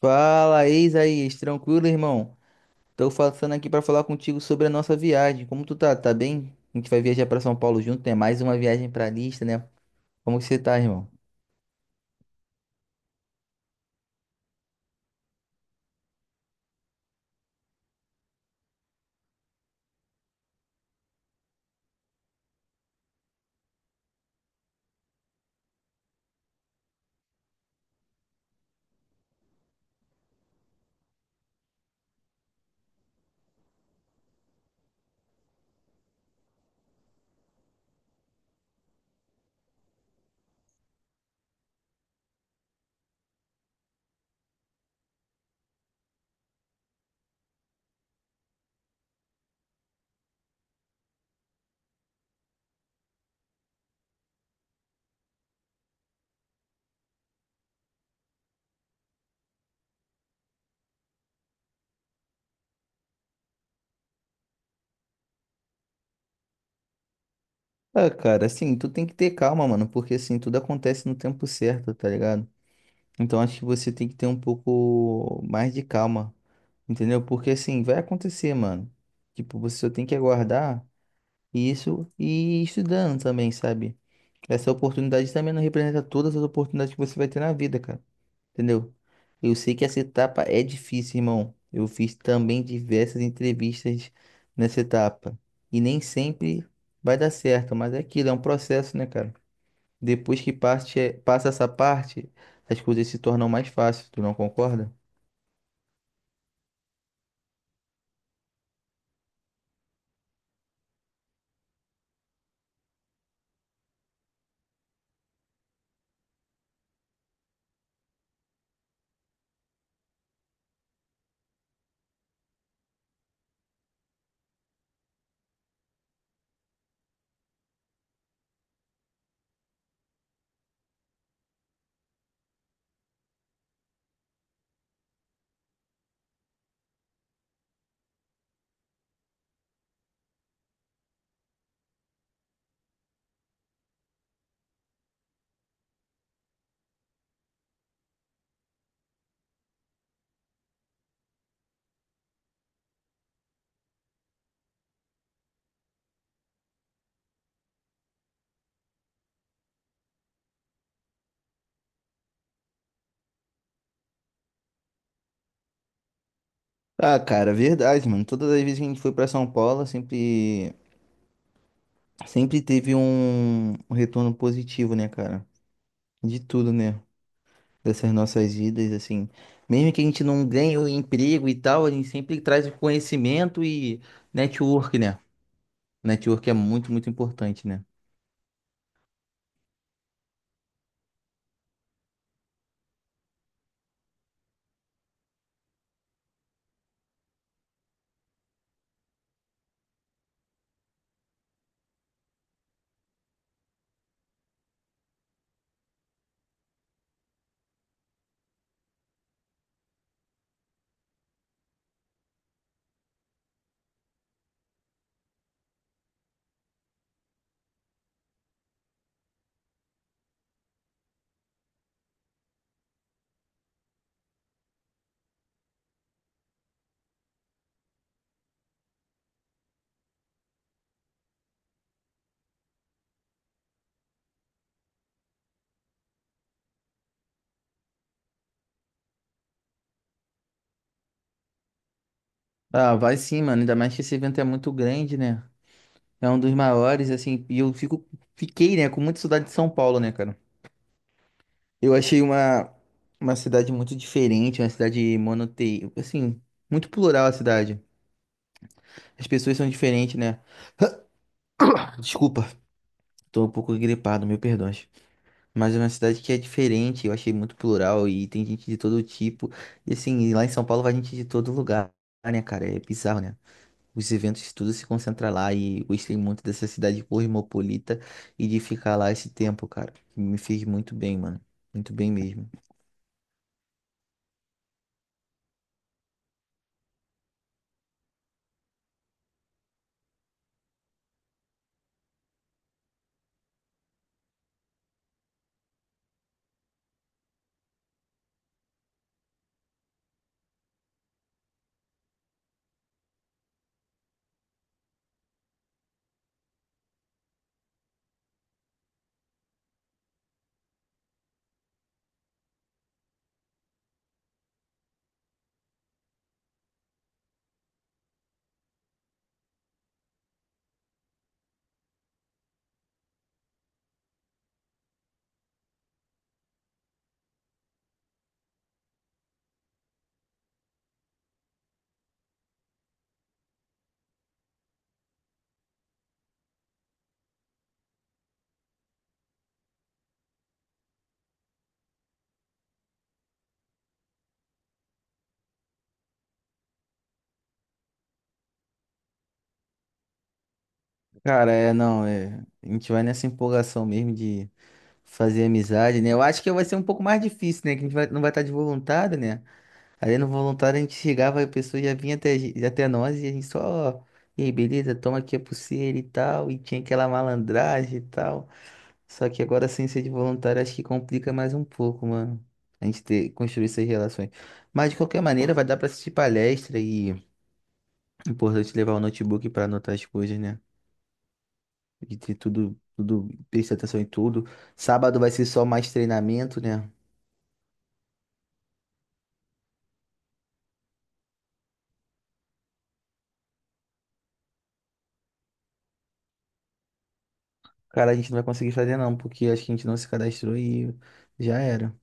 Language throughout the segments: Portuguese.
Fala, Isaías, tranquilo, irmão? Tô passando aqui pra falar contigo sobre a nossa viagem. Como tu tá? Tá bem? A gente vai viajar pra São Paulo junto, né? Mais uma viagem pra lista, né? Como que você tá, irmão? Ah, cara, assim, tu tem que ter calma, mano, porque assim, tudo acontece no tempo certo, tá ligado? Então acho que você tem que ter um pouco mais de calma, entendeu? Porque assim, vai acontecer, mano. Tipo, você só tem que aguardar isso e ir estudando também, sabe? Essa oportunidade também não representa todas as oportunidades que você vai ter na vida, cara. Entendeu? Eu sei que essa etapa é difícil, irmão. Eu fiz também diversas entrevistas nessa etapa. E nem sempre vai dar certo, mas é aquilo, é um processo, né, cara? Depois que parte, passa essa parte, as coisas se tornam mais fáceis, tu não concorda? Ah, cara, verdade, mano. Todas as vezes que a gente foi pra São Paulo, sempre, sempre teve um retorno positivo, né, cara? De tudo, né? Dessas nossas vidas, assim. Mesmo que a gente não ganhe o emprego e tal, a gente sempre traz o conhecimento e network, né? Network é muito, muito importante, né? Ah, vai sim, mano. Ainda mais que esse evento é muito grande, né? É um dos maiores, assim. E fiquei, né, com muita saudade de São Paulo, né, cara? Eu achei uma cidade muito diferente, uma cidade monote... Assim, muito plural a cidade. As pessoas são diferentes, né? Desculpa, tô um pouco gripado, meu perdões. Mas é uma cidade que é diferente, eu achei muito plural e tem gente de todo tipo. E assim, lá em São Paulo vai gente de todo lugar, né, cara? É bizarro, né? Os eventos tudo se concentra lá e eu gostei muito dessa cidade cosmopolita e de ficar lá esse tempo, cara. Me fez muito bem, mano. Muito bem mesmo. Cara, é, não, é. A gente vai nessa empolgação mesmo de fazer amizade, né? Eu acho que vai ser um pouco mais difícil, né? Que a não vai estar de voluntário, né? Ali no voluntário a gente chegava, a pessoa já vinha até, até nós e a gente só, e aí, beleza, toma aqui a pulseira e tal, e tinha aquela malandragem e tal. Só que agora sem ser de voluntário acho que complica mais um pouco, mano. A gente ter, construir essas relações. Mas de qualquer maneira vai dar pra assistir palestra e é importante levar o notebook pra anotar as coisas, né? E ter tudo, tudo, prestar atenção em tudo. Sábado vai ser só mais treinamento, né? Cara, a gente não vai conseguir fazer não, porque acho que a gente não se cadastrou e já era.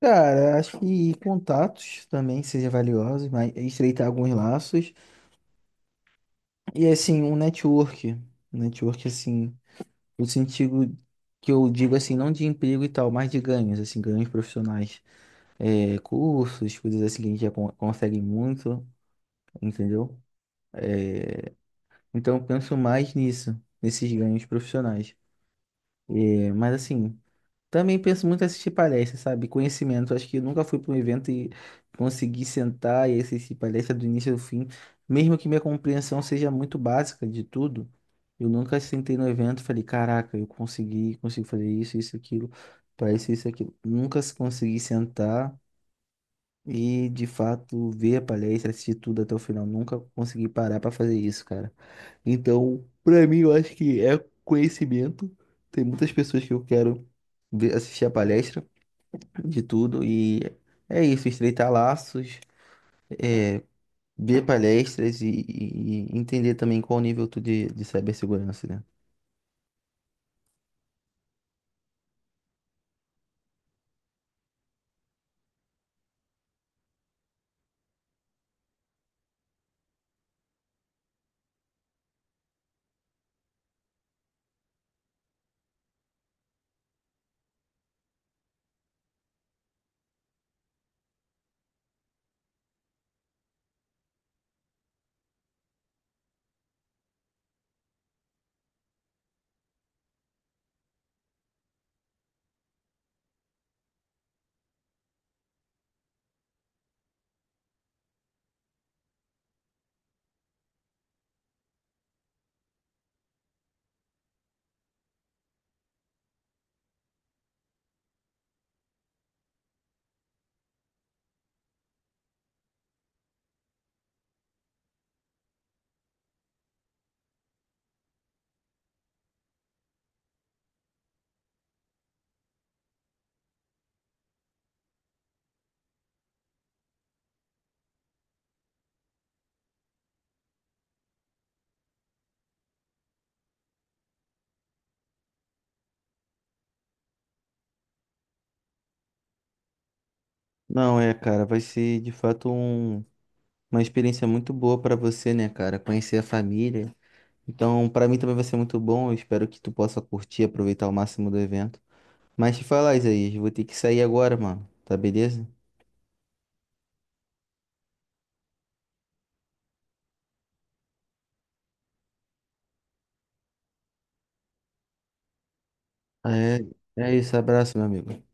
Cara, acho que contatos também seja valioso, mas estreitar alguns laços. E assim, um network. Um network, assim, no sentido que eu digo assim, não de emprego e tal, mas de ganhos, assim, ganhos profissionais. É, cursos, coisas assim que a gente consegue muito, entendeu? É, então eu penso mais nisso, nesses ganhos profissionais. É, mas assim. Também penso muito em assistir palestras, sabe? Conhecimento. Acho que eu nunca fui para um evento e consegui sentar e assistir palestra do início ao fim. Mesmo que minha compreensão seja muito básica de tudo, eu nunca sentei no evento e falei, caraca, consigo fazer isso, isso, aquilo, para isso, isso, aquilo. Nunca se- consegui sentar. E de fato ver a palestra, assistir tudo até o final, nunca consegui parar pra fazer isso, cara. Então, pra mim, eu acho que é conhecimento. Tem muitas pessoas que eu quero ver, assistir a palestra de tudo e é isso, estreitar laços, ver palestras e entender também qual o nível tu de cibersegurança, né? Não, é, cara, vai ser de fato uma experiência muito boa pra você, né, cara? Conhecer a família. Então, para mim também vai ser muito bom. Eu espero que tu possa curtir, aproveitar ao máximo do evento. Mas te falar, Isaías, vou ter que sair agora, mano. Tá beleza? É, é isso. Abraço, meu amigo.